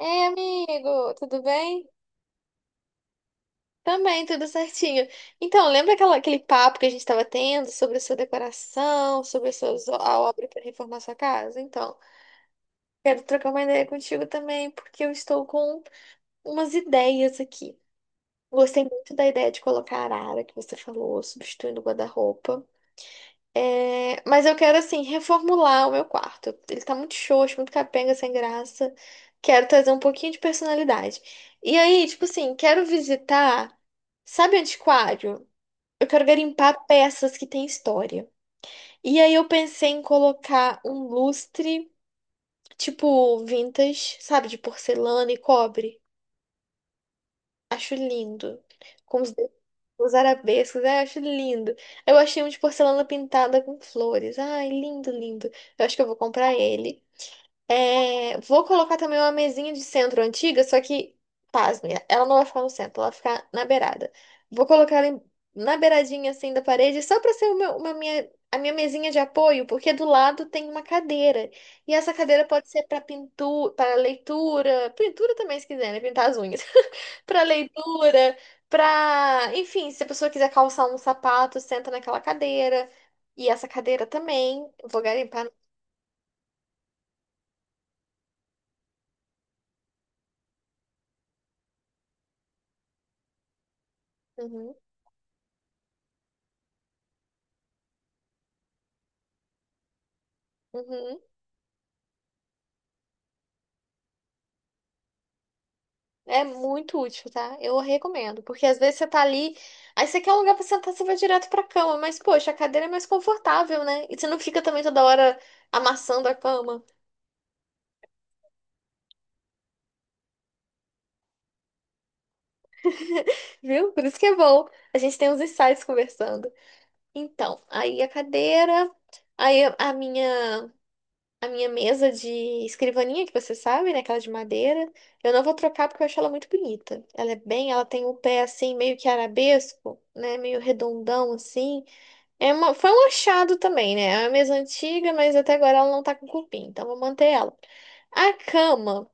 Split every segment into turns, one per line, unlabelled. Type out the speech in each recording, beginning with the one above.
Ei, amigo, tudo bem? Também, tudo certinho. Então, lembra aquele papo que a gente estava tendo sobre a sua decoração, sobre a obra para reformar sua casa? Então, quero trocar uma ideia contigo também, porque eu estou com umas ideias aqui. Gostei muito da ideia de colocar a arara que você falou, substituindo o guarda-roupa. É, mas eu quero, assim, reformular o meu quarto. Ele tá muito xoxo, muito capenga, sem graça. Quero trazer um pouquinho de personalidade. E aí, tipo assim, quero visitar, sabe, antiquário? Eu quero garimpar peças que têm história. E aí eu pensei em colocar um lustre, tipo vintage, sabe, de porcelana e cobre. Acho lindo. Com os, os arabescos, ai, acho lindo. Eu achei um de porcelana pintada com flores. Ai, lindo, lindo. Eu acho que eu vou comprar ele. É, vou colocar também uma mesinha de centro antiga, só que, pasme, ela não vai ficar no centro, ela vai ficar na beirada. Vou colocar ela na beiradinha assim da parede, só para ser a minha mesinha de apoio, porque do lado tem uma cadeira. E essa cadeira pode ser para pintura, para leitura, pintura também se quiser, né? Pintar as unhas. Para leitura, para, enfim, se a pessoa quiser calçar um sapato, senta naquela cadeira. E essa cadeira também, vou garimpar. Uhum, uhum. É muito útil, tá? Eu recomendo, porque às vezes você tá ali, aí você quer um lugar pra sentar, você vai direto pra cama, mas poxa, a cadeira é mais confortável, né? E você não fica também toda hora amassando a cama, viu? Por isso que é bom. A gente tem uns insights conversando. Então, aí a cadeira, aí a minha a minha mesa de escrivaninha que você sabe, né, aquela de madeira, eu não vou trocar porque eu acho ela muito bonita. Ela é bem, ela tem o pé assim meio que arabesco, né, meio redondão assim. É uma, foi um achado também, né? É uma mesa antiga, mas até agora ela não tá com cupim, então vou manter ela. A cama,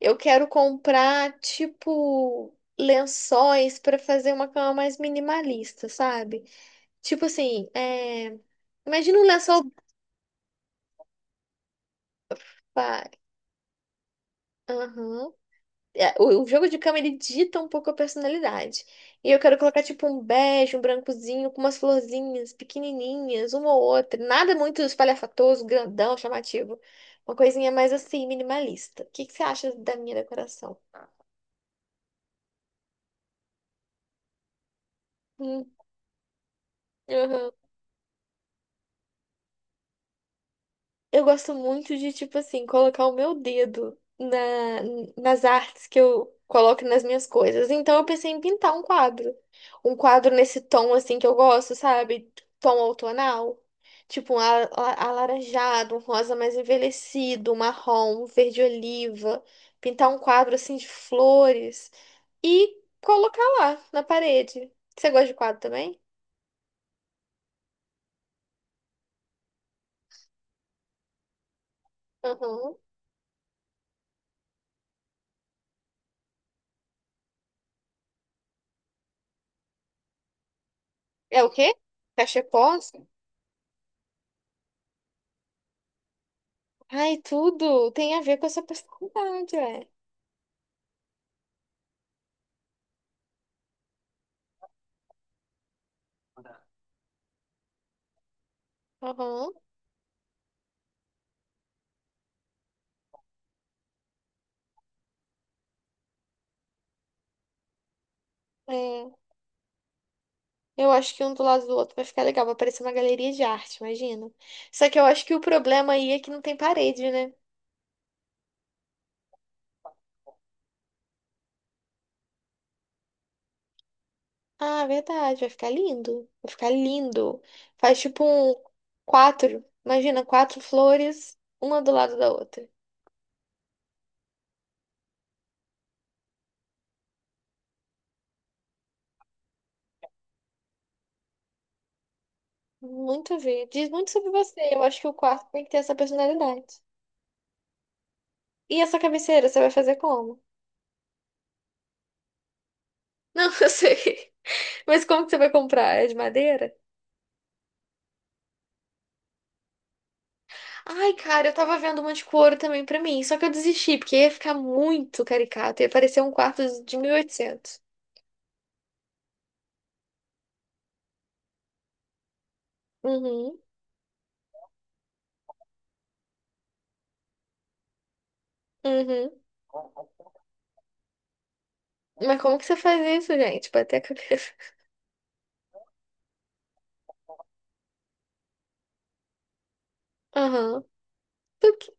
eu quero comprar, tipo, lençóis pra fazer uma cama mais minimalista, sabe? Tipo assim, imagina um lençol. Vai. Aham. O jogo de cama, ele dita um pouco a personalidade. E eu quero colocar, tipo, um bege, um brancozinho, com umas florzinhas pequenininhas, uma ou outra. Nada muito espalhafatoso, grandão, chamativo. Uma coisinha mais assim, minimalista. O que você acha da minha decoração? Hum, aham. Eu gosto muito de, tipo assim, colocar o meu dedo nas artes que eu coloco nas minhas coisas. Então eu pensei em pintar um quadro. Um quadro nesse tom, assim, que eu gosto, sabe? Tom outonal. Tipo um alaranjado, um rosa mais envelhecido, um marrom, um verde oliva. Pintar um quadro, assim, de flores. E colocar lá, na parede. Você gosta de quadro também? Uhum. É o quê? Cachepó? Ai, tudo tem a ver com essa personalidade, é. Aham, é. Eu acho que um do lado do outro vai ficar legal, vai parecer uma galeria de arte, imagina. Só que eu acho que o problema aí é que não tem parede, né? Ah, verdade, vai ficar lindo. Vai ficar lindo. Faz tipo um quatro, imagina, quatro flores, uma do lado da outra. Muito a ver. Diz muito sobre você. Eu acho que o quarto tem que ter essa personalidade. E essa cabeceira, você vai fazer como? Não, eu sei. Mas como que você vai comprar? É de madeira? Ai, cara, eu tava vendo uma de couro também pra mim, só que eu desisti, porque ia ficar muito caricato, ia parecer um quarto de 1800. Uhum, uhum. Mas como que você faz isso, gente? Bater a cabeça. Aham. Por quê?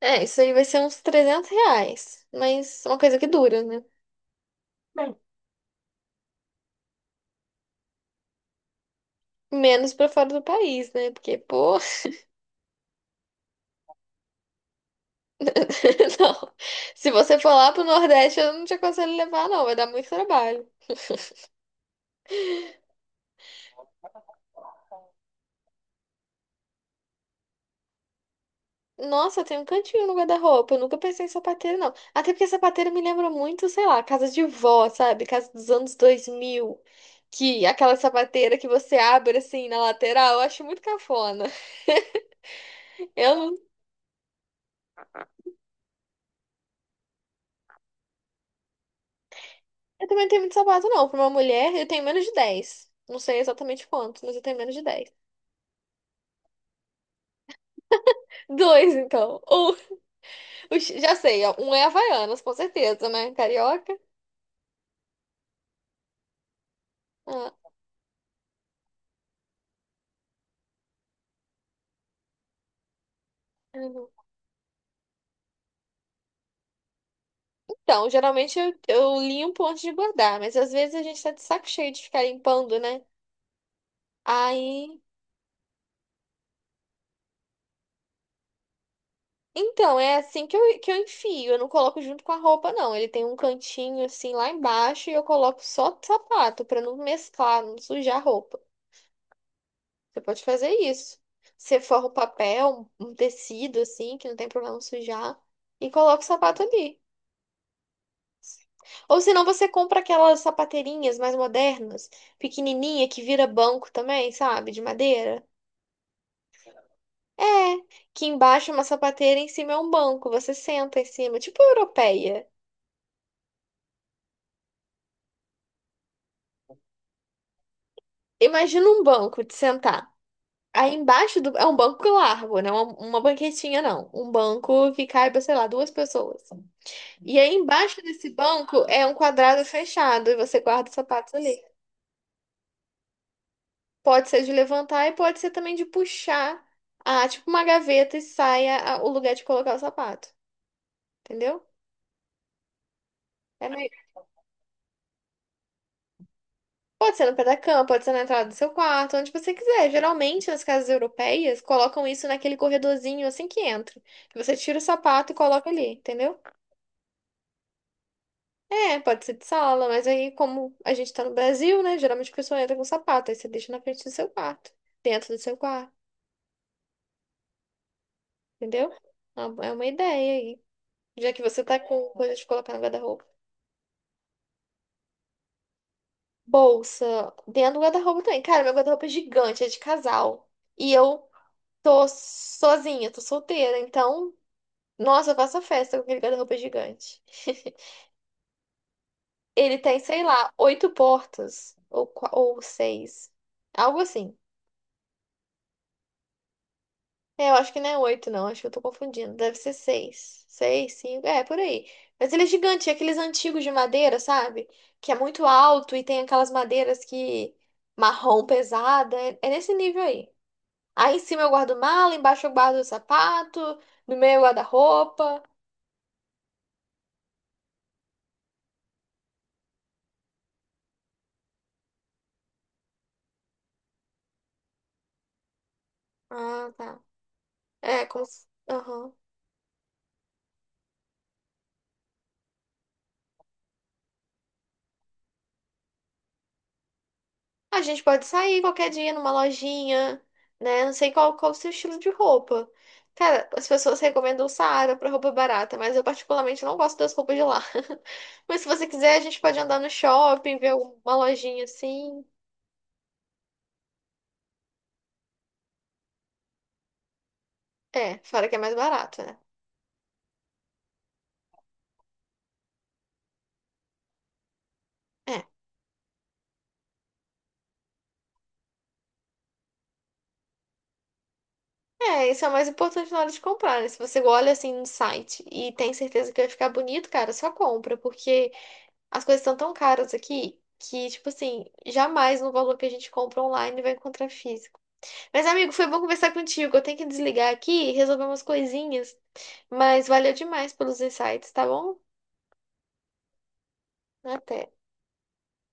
É, isso aí vai ser uns R$ 300, mas uma coisa que dura, né? Menos pra fora do país, né? Porque, pô, não. Se você for lá pro Nordeste, eu não te aconselho a levar, não, vai dar muito trabalho. Nossa, tem um cantinho no guarda-roupa. Eu nunca pensei em sapateiro, não. Até porque sapateiro me lembra muito, sei lá, casa de vó, sabe? Casa dos anos 2000. Que aquela sapateira que você abre assim na lateral, eu acho muito cafona. Eu, não- eu também não tenho muito sapato, não. Pra uma mulher, eu tenho menos de 10. Não sei exatamente quanto, mas eu tenho menos de 10. Dois, então. Um, já sei, ó. Um é Havaianas, com certeza, né? Carioca. Ah. Então, geralmente eu limpo antes de guardar, mas às vezes a gente tá de saco cheio de ficar limpando, né? Aí. Então, é assim que eu enfio. Eu não coloco junto com a roupa, não. Ele tem um cantinho assim lá embaixo e eu coloco só sapato pra não mesclar, não sujar a roupa. Você pode fazer isso. Você forra o papel, um tecido assim, que não tem problema sujar, e coloca o sapato ali. Ou senão você compra aquelas sapateirinhas mais modernas, pequenininha, que vira banco também, sabe? De madeira. É, que embaixo é uma sapateira, em cima é um banco. Você senta em cima, tipo europeia. Imagina um banco de sentar. Aí embaixo do... é um banco largo, não é uma banquetinha, não. Um banco que caiba, sei lá, duas pessoas. E aí embaixo desse banco é um quadrado fechado e você guarda os sapatos ali. Pode ser de levantar e pode ser também de puxar, ah, tipo uma gaveta e saia o lugar de colocar o sapato. Entendeu? É, pode ser no pé da cama, pode ser na entrada do seu quarto, onde você quiser. Geralmente, nas casas europeias, colocam isso naquele corredorzinho assim que entra. Que você tira o sapato e coloca ali, entendeu? É, pode ser de sala, mas aí, como a gente tá no Brasil, né? Geralmente a pessoa entra com sapato, aí você deixa na frente do seu quarto, dentro do seu quarto, entendeu? É uma ideia aí. Já que você tá com coisa de colocar no guarda-roupa. Bolsa, dentro do guarda-roupa também. Cara, meu guarda-roupa é gigante, é de casal. E eu tô sozinha, tô solteira, então. Nossa, eu faço a festa com aquele guarda-roupa gigante. Ele tem, sei lá, oito portas. Ou, ou seis. Algo assim. É, eu acho que não é oito, não. Acho que eu tô confundindo. Deve ser seis. Seis, cinco. É, por aí. Mas ele é gigante. É aqueles antigos de madeira, sabe? Que é muito alto e tem aquelas madeiras que... Marrom pesada. É, é nesse nível aí. Aí em cima eu guardo mala, embaixo eu guardo o sapato, no meio eu guardo a roupa. Ah, tá. É, como... aham. A gente pode sair qualquer dia numa lojinha, né? Não sei qual, qual o seu estilo de roupa. Cara, as pessoas recomendam o Saara pra roupa barata, mas eu particularmente não gosto das roupas de lá. Mas se você quiser, a gente pode andar no shopping, ver alguma lojinha assim. É, fora que é mais barato, né? É, isso é o mais importante na hora de comprar, né? Se você olha assim no site e tem certeza que vai ficar bonito, cara, só compra, porque as coisas estão tão caras aqui que, tipo assim, jamais no valor que a gente compra online vai encontrar físico. Mas, amigo, foi bom conversar contigo. Eu tenho que desligar aqui e resolver umas coisinhas. Mas valeu demais pelos insights, tá bom? Até.